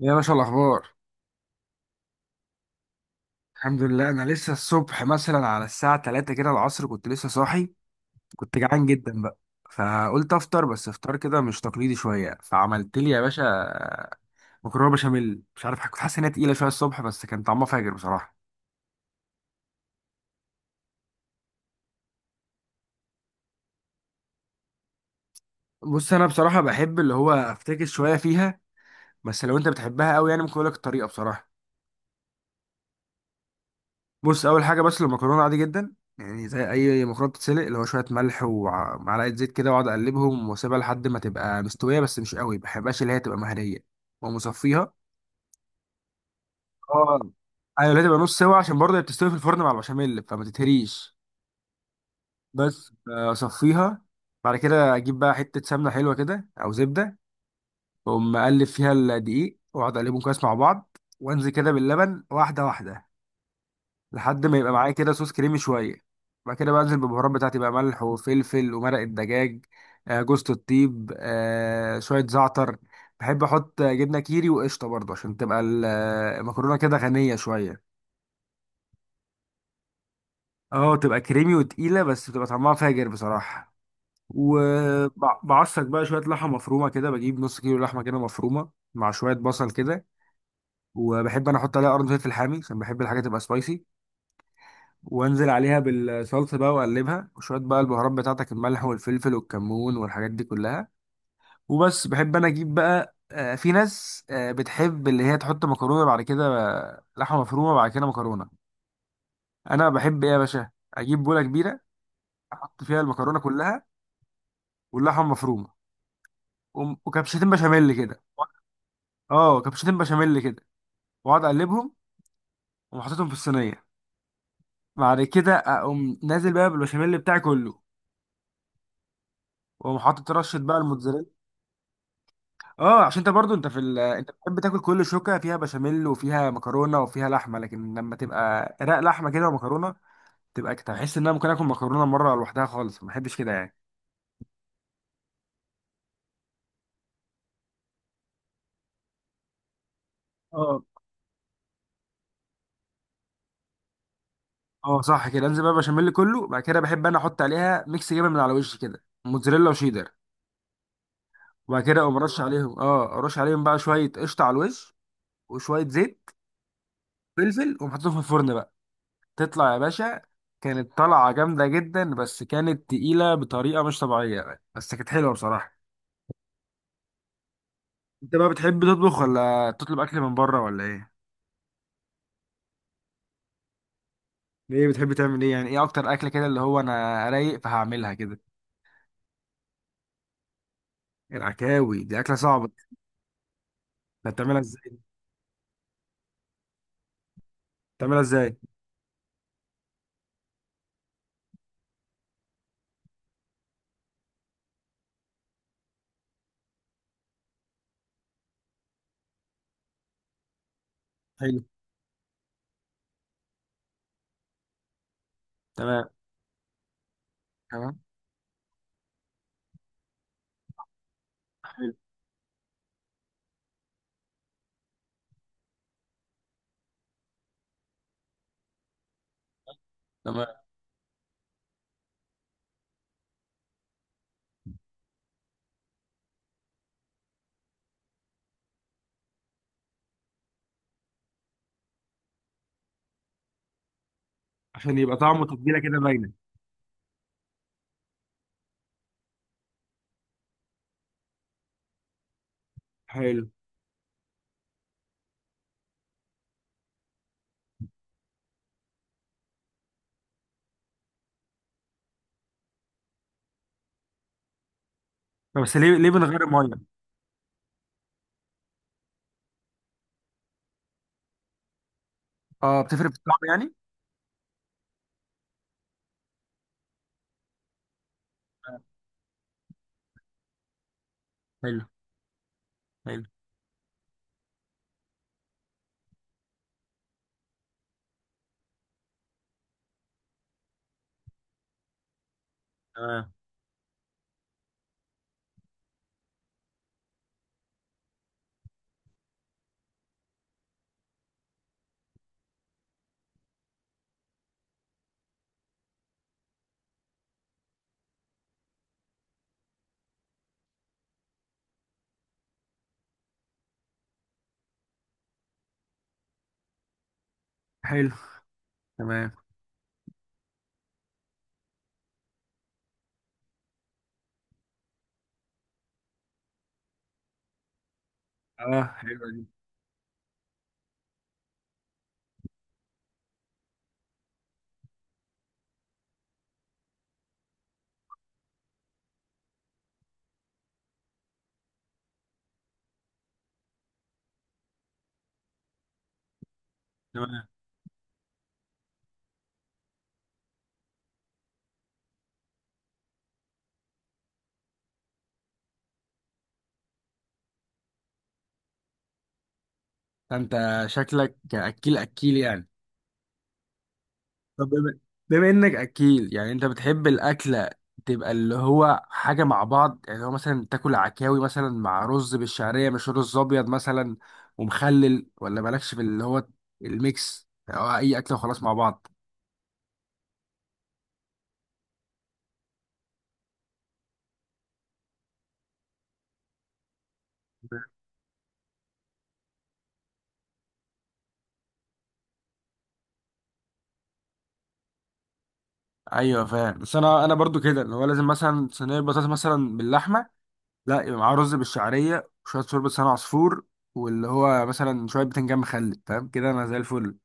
يا باشا، الأخبار؟ الحمد لله. أنا لسه الصبح مثلا على الساعة 3 كده العصر كنت لسه صاحي. كنت جعان جدا بقى. فقلت أفطر، بس فطار كده مش تقليدي شوية. فعملت لي يا باشا مكرونة بشاميل. مش عارف، كنت حاسس إنها تقيلة شوية الصبح، بس كان طعمها فاجر بصراحة. بص، أنا بصراحة بحب اللي هو أفتكس شوية فيها. بس لو أنت بتحبها أوي يعني ممكن أقولك الطريقة بصراحة. بص، اول حاجه، بس المكرونه عادي جدا، يعني زي اي مكرونه بتتسلق، اللي هو شويه ملح ومعلقه زيت كده، واقعد اقلبهم واسيبها لحد ما تبقى مستويه، بس مش قوي. ما بحبهاش اللي هي تبقى مهريه، ومصفيها. اه. ايوه، اللي هي تبقى نص سوا عشان برضه هي بتستوي في الفرن مع البشاميل، فما تتهريش. بس اصفيها. بعد كده اجيب بقى حته سمنه حلوه كده او زبده، واقوم اقلب فيها الدقيق، واقعد اقلبهم كويس مع بعض، وانزل كده باللبن واحده واحده لحد ما يبقى معايا كده صوص كريمي شويه. بعد كده بنزل بالبهارات بتاعتي بقى، ملح وفلفل ومرق الدجاج، جوزة الطيب، شويه زعتر. بحب احط جبنه كيري وقشطه برضه عشان تبقى المكرونه كده غنيه شويه. اه، تبقى كريمي وتقيله، بس بتبقى طعمها فاجر بصراحه. وبعصج بقى شويه لحمه مفرومه كده، بجيب نص كيلو لحمه كده مفرومه مع شويه بصل كده. وبحب انا احط عليها قرن فلفل حامي عشان بحب الحاجه تبقى سبايسي. وانزل عليها بالصلصه بقى واقلبها، وشويه بقى البهارات بتاعتك، الملح والفلفل والكمون والحاجات دي كلها. وبس. بحب انا اجيب بقى، في ناس بتحب اللي هي تحط مكرونه بعد كده لحمه مفرومه بعد كده مكرونه. انا بحب ايه يا باشا، اجيب بوله كبيره، احط فيها المكرونه كلها واللحمه مفرومه وكبشتين بشاميل كده. اه، كبشتين بشاميل كده، واقعد اقلبهم. وحطيتهم في الصينيه. بعد كده اقوم نازل بقى بالبشاميل بتاعي كله، واقوم حاطط رشه بقى الموتزاريلا. اه، عشان انت برضو انت انت بتحب تاكل كل شوكه فيها بشاميل وفيها مكرونه وفيها لحمه، لكن لما تبقى رق لحمه كده ومكرونه، تبقى كده تحس ان انا ممكن اكل مكرونه مره لوحدها خالص، ما بحبش كده يعني. اه. اه، صح كده، انزل بقى بشاميل كله، بعد كده بحب انا احط عليها ميكس جبن من على الوش كده، موتزاريلا وشيدر. وبعد كده اقوم رش الله عليهم. اه، ارش عليهم بقى شويه قشطه على الوش وشويه زيت، فلفل. واقوم حاططهم في الفرن بقى. تطلع يا باشا، كانت طلعه جامده جدا، بس كانت تقيله بطريقه مش طبيعيه، بس كانت حلوه بصراحه. انت بقى بتحب تطبخ ولا تطلب اكل من بره ولا ايه؟ بتحب تعمل ايه يعني، ايه اكتر اكله كده اللي هو انا رايق فهعملها كده؟ العكاوي دي اكله صعبه. ده بتعملها ازاي؟ بتعملها ازاي؟ حلو. تمام. تمام. حلو. تمام. عشان يبقى طعمه وتتبيله كده باينه. حلو. طب بس ليه من غير ميه؟ اه، بتفرق في الطعم يعني. تمام. حلو. حلو. تمام. حلو. تمام. اه، حلوه دي. تمام. ده انت شكلك اكيل اكيل يعني. طب بما انك اكيل يعني، انت بتحب الاكله تبقى اللي هو حاجه مع بعض؟ يعني هو مثلا تاكل عكاوي مثلا مع رز بالشعريه، مش رز ابيض مثلا، ومخلل؟ ولا مالكش في اللي هو الميكس، او اي اكله وخلاص مع بعض؟ ايوه فاهم. بس انا برضو كده اللي هو لازم مثلا صينيه بطاطس مثلا باللحمه، لا يبقى معاه رز بالشعريه وشويه شوربه لسان عصفور، واللي هو مثلا شويه بتنجان مخلل. فاهم كده، انا زي الفل.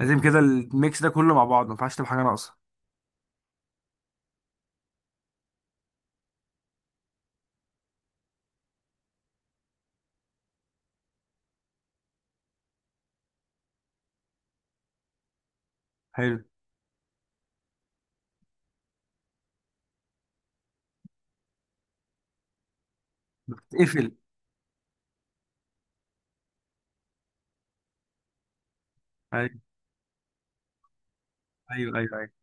لازم كده الميكس ده كله مع بعض، ما ينفعش تبقى حاجه ناقصه. حلو. تقفل. ايوه ايوه ايوه. ايوه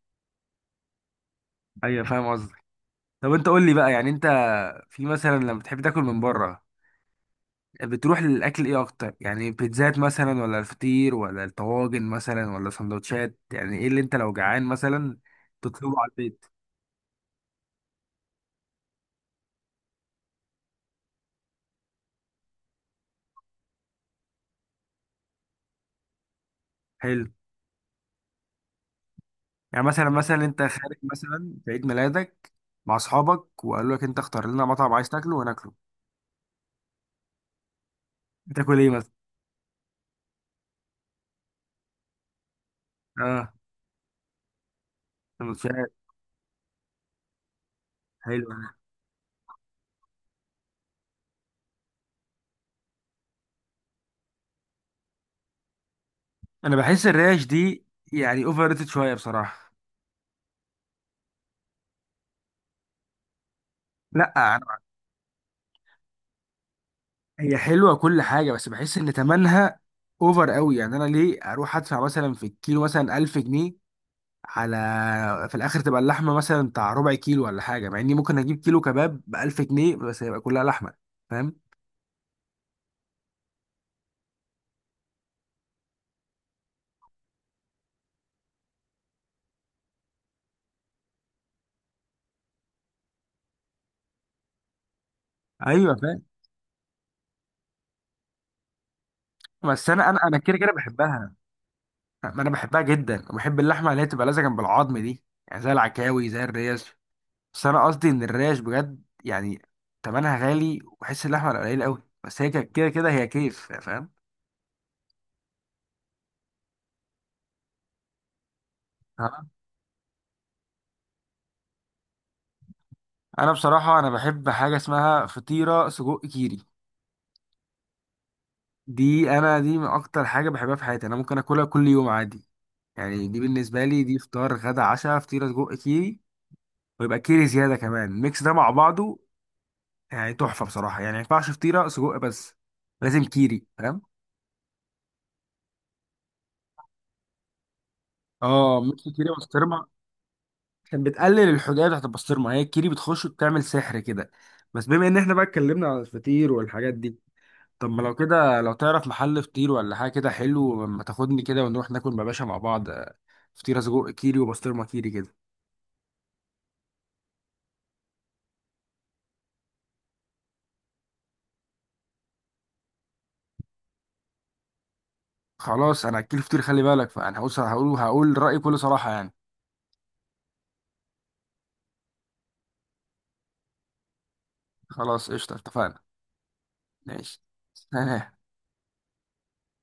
ايوه فاهم قصدك. طب انت قول لي بقى، يعني انت في مثلا لما بتحب تاكل من بره بتروح للاكل ايه اكتر؟ يعني بيتزات مثلا ولا الفطير ولا الطواجن مثلا ولا سندوتشات؟ يعني ايه اللي انت لو جعان مثلا تطلبه على البيت؟ حلو. يعني مثلا انت خارج مثلا في عيد ميلادك مع اصحابك وقالوا لك انت اختار لنا مطعم، عايز تاكله وناكله، بتاكل ايه مثلا؟ اه. سندوتشات. حلو. انا بحس الريش دي يعني اوفر ريتد شويه بصراحه. لا، هي حلوه كل حاجه، بس بحس ان تمنها اوفر قوي. يعني انا ليه اروح ادفع مثلا في الكيلو مثلا 1000 جنيه، على في الاخر تبقى اللحمه مثلا بتاع ربع كيلو ولا حاجه، مع اني ممكن اجيب كيلو كباب ب 1000 جنيه بس هيبقى كلها لحمه. فاهم؟ ايوه فاهم. بس انا انا كده كده بحبها. ما انا بحبها جدا، وبحب اللحمه اللي هي تبقى لازقه جنب العظم دي، يعني زي العكاوي زي الريش. بس انا قصدي ان الريش بجد يعني تمنها غالي، وبحس اللحمه قليل قوي، بس هي كده كده هي كيف، فاهم. انا بصراحه انا بحب حاجه اسمها فطيره سجق كيري. دي انا دي من اكتر حاجه بحبها في حياتي، انا ممكن اكلها كل يوم عادي. يعني دي بالنسبه لي دي فطار غدا عشاء، فطيره سجق كيري. ويبقى كيري زياده كمان، الميكس ده مع بعضه يعني تحفه بصراحه. يعني ما ينفعش فطيره سجق بس، لازم كيري، فاهم. اه، ميكس كيري بسطرمه. عشان بتقلل الحديه بتاعت البسطرمه، هي الكيري بتخش وبتعمل سحر كده. بس بما ان احنا بقى اتكلمنا على الفطير والحاجات دي، طب ما لو كده، لو تعرف محل فطير ولا حاجة كده حلو، ما تاخدني كده ونروح ناكل يا باشا مع بعض فطيرة سجق كيري وبسطرمة كيري كده. خلاص، انا اكل فطير، خلي بالك، فانا هقول رأيي بكل صراحة يعني. خلاص، قشطة، اتفقنا. ماشي.